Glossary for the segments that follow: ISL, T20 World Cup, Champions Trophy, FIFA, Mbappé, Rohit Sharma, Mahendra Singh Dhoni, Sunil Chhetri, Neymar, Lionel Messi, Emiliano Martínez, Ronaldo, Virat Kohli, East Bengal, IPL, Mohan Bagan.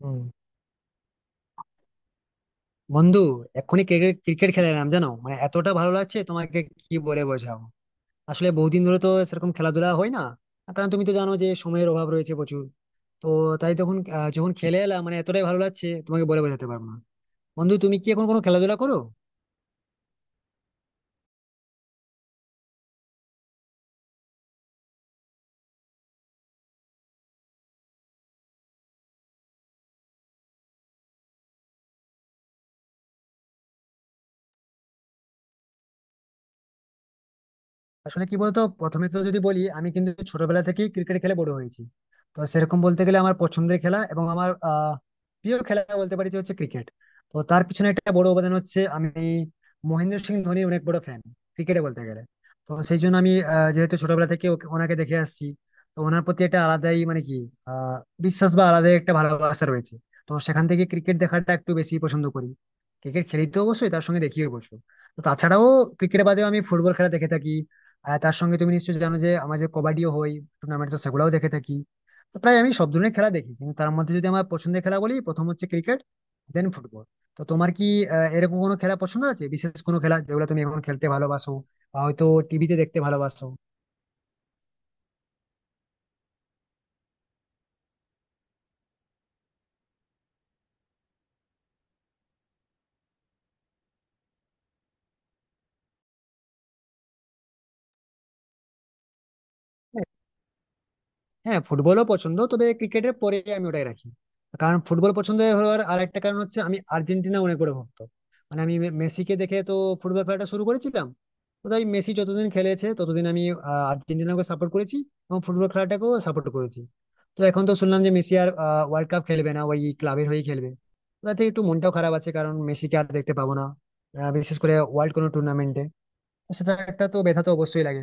হুম। বন্ধু, এক্ষুনি cricket cricket খেলে এলাম, জানো? মানে এতটা ভালো লাগছে, তোমাকে কি বলে বোঝাবো। আসলে বহুদিন ধরে তো সেরকম খেলাধুলা হয় না, কারণ তুমি তো জানো যে সময়ের অভাব রয়েছে প্রচুর। তো, তাই তখন যখন খেলে এলাম, মানে এতটাই ভালো লাগছে তোমাকে বলে বোঝাতে পারবো না। বন্ধু, তুমি কি এখন কোনো খেলাধুলা করো? আসলে কি বলতো, প্রথমে তো যদি বলি, আমি কিন্তু ছোটবেলা থেকেই ক্রিকেট খেলে বড় হয়েছি। তো সেরকম বলতে গেলে আমার পছন্দের খেলা এবং আমার প্রিয় খেলা বলতে পারি, যে হচ্ছে ক্রিকেট। তো তার পিছনে একটা বড় অবদান হচ্ছে, আমি মহেন্দ্র সিং ধোনির অনেক বড় ফ্যান, ক্রিকেটে বলতে গেলে। তো সেই জন্য আমি যেহেতু ছোটবেলা থেকে ওনাকে দেখে আসছি, তো ওনার প্রতি একটা আলাদাই, মানে কি, আহ, বিশ্বাস বা আলাদাই একটা ভালোবাসা রয়েছে। তো সেখান থেকে ক্রিকেট দেখাটা একটু বেশি পছন্দ করি। ক্রিকেট খেলি তো অবশ্যই, তার সঙ্গে দেখিও অবশ্য। তো তাছাড়াও ক্রিকেট বাদেও আমি ফুটবল খেলা দেখে থাকি। আর তার সঙ্গে তুমি নিশ্চয়ই জানো যে আমার যে কবাডিও হয় টুর্নামেন্ট, তো সেগুলাও দেখে থাকি। তো প্রায় আমি সব ধরনের খেলা দেখি, কিন্তু তার মধ্যে যদি আমার পছন্দের খেলা বলি, প্রথম হচ্ছে ক্রিকেট, দেন ফুটবল। তো তোমার কি এরকম কোনো খেলা পছন্দ আছে, বিশেষ কোনো খেলা যেগুলো তুমি এখন খেলতে ভালোবাসো বা হয়তো টিভিতে দেখতে ভালোবাসো? হ্যাঁ। হ্যাঁ, ফুটবলও পছন্দ, তবে ক্রিকেটের পরে আমি ওটাই রাখি। কারণ ফুটবল পছন্দ হওয়ার আর একটা কারণ হচ্ছে আমি আর্জেন্টিনা অনেক বড় ভক্ত। মানে আমি মেসিকে দেখে তো ফুটবল খেলাটা শুরু করেছিলাম। তো তাই মেসি যতদিন খেলেছে ততদিন আমি আর্জেন্টিনাকে সাপোর্ট করেছি এবং ফুটবল খেলাটাকেও সাপোর্ট করেছি। তো এখন তো শুনলাম যে মেসি আর ওয়ার্ল্ড কাপ খেলবে না, ওই ক্লাবের হয়েই খেলবে। তাতে একটু মনটাও খারাপ আছে, কারণ মেসিকে আর দেখতে পাবো না, বিশেষ করে ওয়ার্ল্ড কোনো টুর্নামেন্টে। তো সেটা একটা তো ব্যথা তো অবশ্যই লাগে।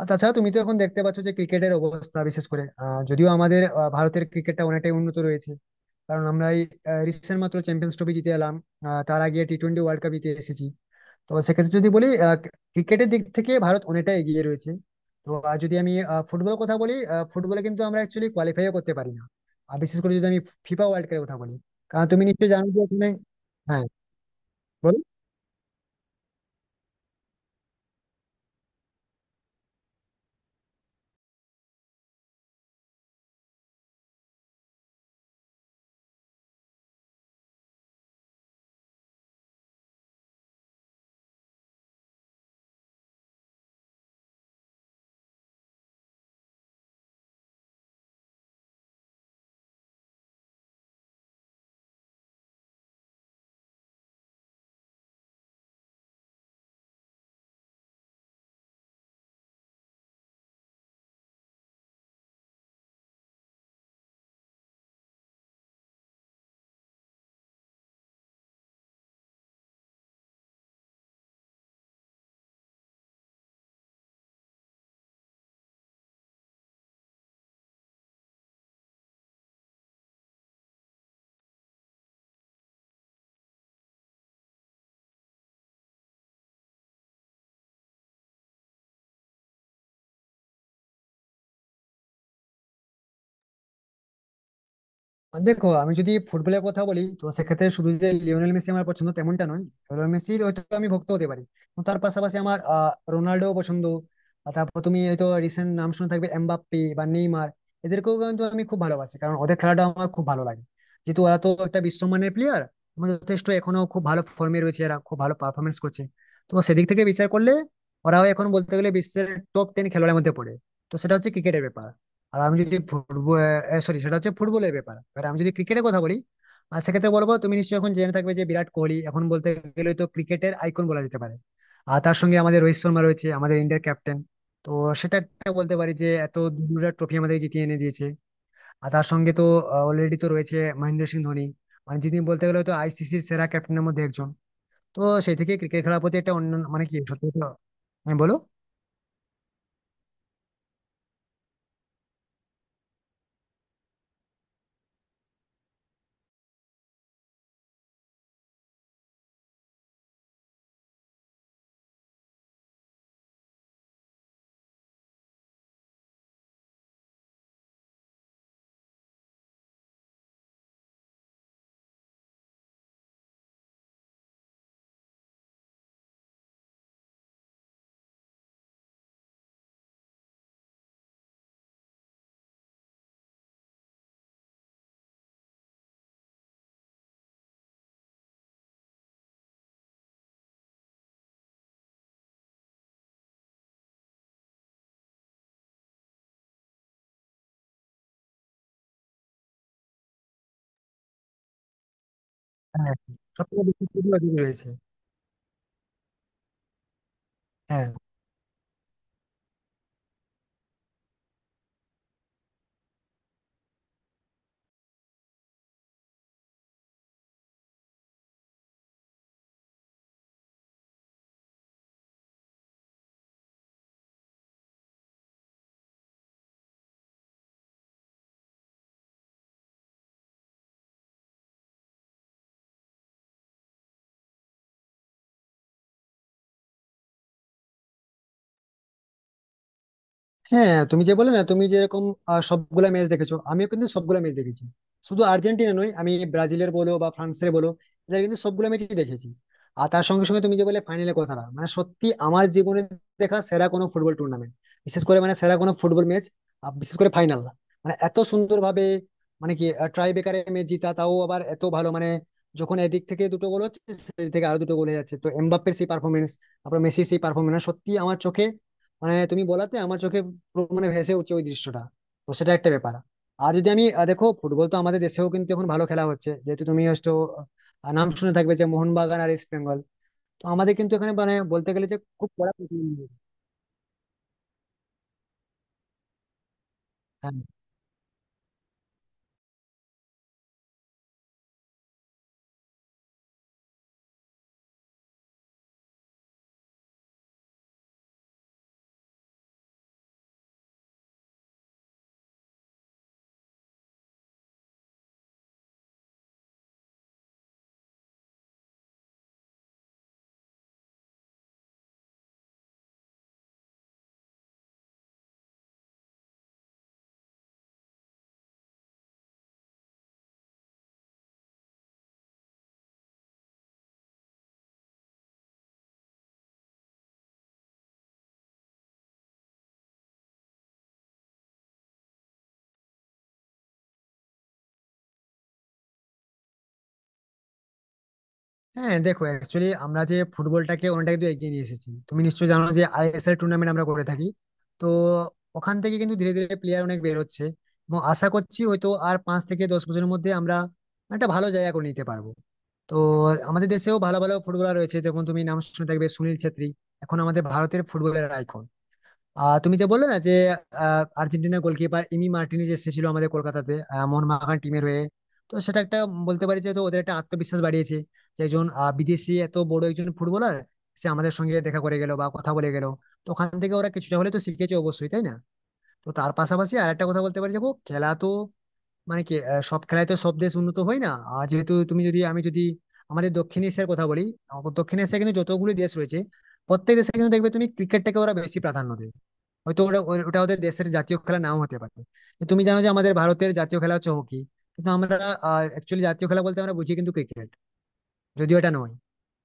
আর তাছাড়া তুমি তো এখন দেখতে পাচ্ছ যে ক্রিকেটের অবস্থা, বিশেষ করে যদিও আমাদের ভারতের ক্রিকেটটা অনেকটাই উন্নত রয়েছে, কারণ আমরা এই রিসেন্ট মাত্র চ্যাম্পিয়ন্স ট্রফি জিতে এলাম। তার আগে T20 ওয়ার্ল্ড কাপ জিতে এসেছি। তো সেক্ষেত্রে যদি বলি, ক্রিকেটের দিক থেকে ভারত অনেকটা এগিয়ে রয়েছে। তো আর যদি আমি ফুটবলের কথা বলি, ফুটবলে কিন্তু আমরা অ্যাকচুয়ালি কোয়ালিফাইও করতে পারি না। আর বিশেষ করে যদি আমি ফিফা ওয়ার্ল্ড কাপের কথা বলি, কারণ তুমি নিশ্চয়ই জানো যে ওখানে, হ্যাঁ বলো। মানে দেখো, আমি যদি ফুটবলের কথা বলি, তো সেক্ষেত্রে শুধু যে লিওনেল মেসি আমার পছন্দ তেমনটা নয়, লিওনেল মেসির হয়তো আমি ভক্ত হতে পারি, কিন্তু তার পাশাপাশি আমার রোনাল্ডো পছন্দ। আর তারপর তুমি হয়তো রিসেন্ট নাম শুনে থাকবে এমবাপ্পে বা নেইমার, এদেরকেও কিন্তু আমি খুব ভালোবাসি কারণ ওদের খেলাটা আমার খুব ভালো লাগে। যেহেতু ওরা তো একটা বিশ্বমানের প্লেয়ার, যথেষ্ট এখনো খুব ভালো ফর্মে রয়েছে, এরা খুব ভালো পারফরমেন্স করছে। তো সেদিক থেকে বিচার করলে, ওরাও এখন বলতে গেলে বিশ্বের টপ টেন খেলোয়াড়ের মধ্যে পড়ে। তো সেটা হচ্ছে ক্রিকেটের ব্যাপার। আর আমি যদি ফুটবল, সরি, সেটা হচ্ছে ফুটবলের ব্যাপার। এবার আমি যদি ক্রিকেটের কথা বলি, আর সেক্ষেত্রে বলবো তুমি নিশ্চয়ই এখন জেনে থাকবে যে বিরাট কোহলি এখন বলতে গেলে তো ক্রিকেটের আইকন বলা যেতে পারে। আর তার সঙ্গে আমাদের রোহিত শর্মা রয়েছে, আমাদের ইন্ডিয়ার ক্যাপ্টেন। তো সেটা একটা বলতে পারি যে এত দুটা ট্রফি আমাদের জিতিয়ে এনে দিয়েছে। আর তার সঙ্গে তো অলরেডি তো রয়েছে মহেন্দ্র সিং ধোনি, মানে যিনি বলতে গেলে তো আইসিসির সেরা ক্যাপ্টেনের মধ্যে একজন। তো সেই থেকে ক্রিকেট খেলার প্রতি একটা অন্য, মানে কি, সত্যি কথা- হ্যাঁ বলো। হ্যাঁ, সব থেকে বেশি প্রিয় অধিকারী রয়েছে। হ্যাঁ। হ্যাঁ, তুমি যে বলে না, তুমি যেরকম সবগুলা ম্যাচ দেখেছো, আমিও কিন্তু সবগুলা ম্যাচ দেখেছি। শুধু আর্জেন্টিনা নয়, আমি ব্রাজিলের বলো বা ফ্রান্সের বলো, এদের কিন্তু সবগুলা ম্যাচই দেখেছি। আর তার সঙ্গে সঙ্গে তুমি যে বলে ফাইনালের কথাটা, মানে সত্যি আমার জীবনে দেখা সেরা কোনো ফুটবল টুর্নামেন্ট, বিশেষ করে মানে সেরা কোনো ফুটবল ম্যাচ, বিশেষ করে ফাইনাল। মানে এত সুন্দর ভাবে, মানে কি, ট্রাই বেকারে ম্যাচ জিতা, তাও আবার এত ভালো, মানে যখন এদিক থেকে দুটো গোল হচ্ছে, সেদিক থেকে আরো দুটো গোল হয়ে যাচ্ছে, তো এমবাপ্পের সেই পারফরমেন্স, তারপর মেসির সেই পারফরমেন্স, সত্যি আমার চোখে, মানে তুমি বলাতে আমার চোখে পুরো মানে ভেসে উঠছে ওই দৃশ্যটা। তো সেটা একটা ব্যাপার। আর যদি আমি দেখো ফুটবল তো আমাদের দেশেও কিন্তু এখন ভালো খেলা হচ্ছে। যেহেতু তুমি হয়তো নাম শুনে থাকবে যে মোহনবাগান আর ইস্ট বেঙ্গল। তো আমাদের কিন্তু এখানে মানে বলতে গেলে যে খুব কড়া প্রতিদ্বন্দ্বিতা। হ্যাঁ হ্যাঁ দেখো, অ্যাকচুয়ালি আমরা যে ফুটবলটাকে অনেকটা কিন্তু এগিয়ে নিয়ে এসেছি। তুমি নিশ্চয়ই জানো যে আইএসএল টুর্নামেন্ট আমরা করে থাকি। তো ওখান থেকে কিন্তু ধীরে ধীরে প্লেয়ার অনেক বের হচ্ছে, এবং আশা করছি হয়তো আর 5 থেকে 10 বছরের মধ্যে আমরা একটা ভালো জায়গা করে নিতে পারবো। তো আমাদের দেশেও ভালো ভালো ফুটবলার রয়েছে, যেমন তুমি নাম শুনে থাকবে সুনীল ছেত্রী, এখন আমাদের ভারতের ফুটবলের আইকন। তুমি যে বললে না যে আর্জেন্টিনার গোলকিপার ইমি মার্টিনেজ এসেছিল আমাদের কলকাতাতে মোহনবাগান টিমের হয়ে। তো সেটা একটা বলতে পারি যে তো ওদের একটা আত্মবিশ্বাস বাড়িয়েছে, যে একজন বিদেশি এত বড় একজন ফুটবলার সে আমাদের সঙ্গে দেখা করে গেল বা কথা বলে গেল। তো ওখান থেকে ওরা কিছুটা হলে তো শিখেছে অবশ্যই, তাই না? তো তার পাশাপাশি আর একটা কথা বলতে পারি, দেখো খেলা তো মানে কি সব খেলায় তো সব দেশ উন্নত হয় না। আর যেহেতু তুমি যদি, আমি যদি আমাদের দক্ষিণ এশিয়ার কথা বলি, আমাদের দক্ষিণ এশিয়া কিন্তু যতগুলি দেশ রয়েছে, প্রত্যেক দেশে কিন্তু দেখবে তুমি ক্রিকেটটাকে ওরা বেশি প্রাধান্য দেয়। হয়তো ওরা ওটা ওদের দেশের জাতীয় খেলা নাও হতে পারে, কিন্তু তুমি জানো যে আমাদের ভারতের জাতীয় খেলা হচ্ছে হকি, কিন্তু আমরা অ্যাকচুয়ালি জাতীয় খেলা বলতে আমরা বুঝি কিন্তু ক্রিকেট, যদিও এটা নয়।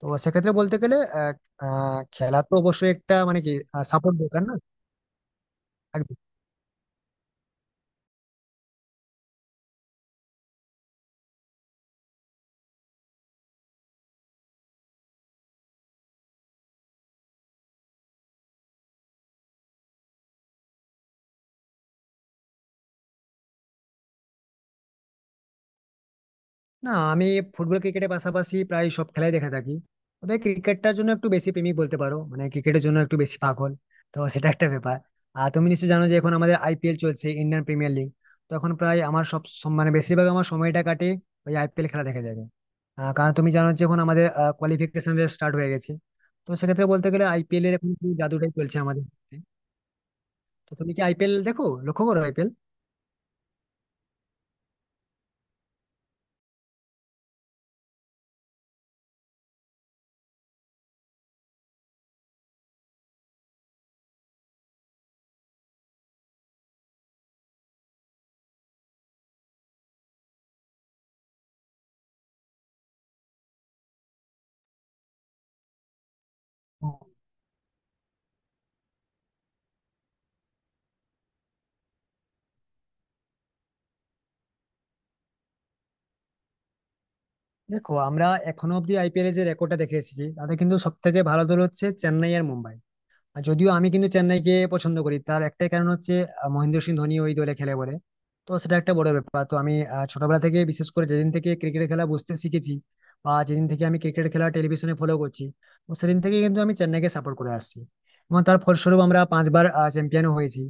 তো সেক্ষেত্রে বলতে গেলে খেলা তো অবশ্যই একটা মানে কি সাপোর্ট দরকার, না? না, আমি ফুটবল ক্রিকেটের পাশাপাশি প্রায় সব খেলাই দেখে থাকি, তবে ক্রিকেটটার জন্য একটু বেশি প্রেমিক বলতে পারো, মানে ক্রিকেটের জন্য একটু বেশি পাগল। তো সেটা একটা ব্যাপার। আর তুমি নিশ্চয়ই জানো যে এখন আমাদের আইপিএল চলছে, ইন্ডিয়ান প্রিমিয়ার লিগ। তো এখন প্রায় আমার সব মানে বেশিরভাগ আমার সময়টা কাটে ওই আইপিএল খেলা দেখা যাবে। কারণ তুমি জানো যে এখন আমাদের কোয়ালিফিকেশন রেস স্টার্ট হয়ে গেছে। তো সেক্ষেত্রে বলতে গেলে আইপিএল এর এখন পুরো জাদুটাই চলছে আমাদের। তো তুমি কি আইপিএল দেখো, লক্ষ্য করো আইপিএল? দেখো, আমরা এখনো অব্দি আইপিএল এর যে রেকর্ডটা দেখে এসেছি, তাতে কিন্তু সব থেকে ভালো দল হচ্ছে চেন্নাই আর মুম্বাই। আর যদিও আমি কিন্তু চেন্নাইকে পছন্দ করি, তার একটাই কারণ হচ্ছে মহেন্দ্র সিং ধোনি ওই দলে খেলে বলে। তো সেটা একটা বড় ব্যাপার। তো আমি ছোটবেলা থেকে বিশেষ করে যেদিন থেকে ক্রিকেট খেলা বুঝতে শিখেছি, বা যেদিন থেকে আমি ক্রিকেট খেলা টেলিভিশনে ফলো করছি, তো সেদিন থেকে কিন্তু আমি চেন্নাইকে সাপোর্ট করে আসছি, এবং তার ফলস্বরূপ আমরা পাঁচবার চ্যাম্পিয়নও হয়েছি।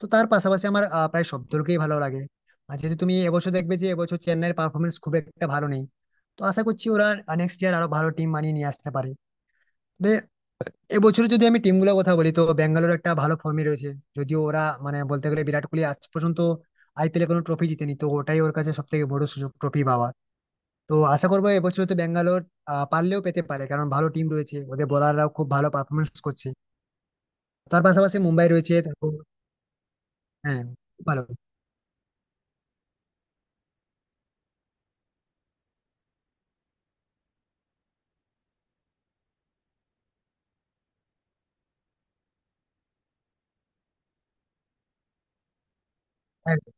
তো তার পাশাপাশি আমার প্রায় সব দলকেই ভালো লাগে। আর যেহেতু তুমি এবছর দেখবে যে এবছর চেন্নাইয়ের পারফরমেন্স খুব একটা ভালো নেই, তো আশা করছি ওরা নেক্সট ইয়ার আরো ভালো টিম বানিয়ে নিয়ে আসতে পারে। তবে এবছর যদি আমি টিম গুলোর কথা বলি, তো ব্যাঙ্গালোর একটা ভালো ফর্মে রয়েছে, যদিও ওরা মানে বলতে গেলে বিরাট কোহলি আজ পর্যন্ত আইপিএলে কোনো ট্রফি জিতেনি, তো ওটাই ওর কাছে সব থেকে বড় সুযোগ ট্রফি পাওয়ার। তো আশা করবো এবছর তো ব্যাঙ্গালোর পারলেও পেতে পারে, কারণ ভালো টিম রয়েছে, ওদের বোলাররাও খুব ভালো পারফরমেন্স করছে। তার পাশাপাশি মুম্বাই রয়েছে, তারপর হ্যাঁ ভালো। একদম।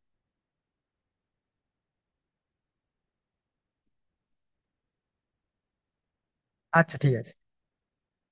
আচ্ছা, ঠিক আছে।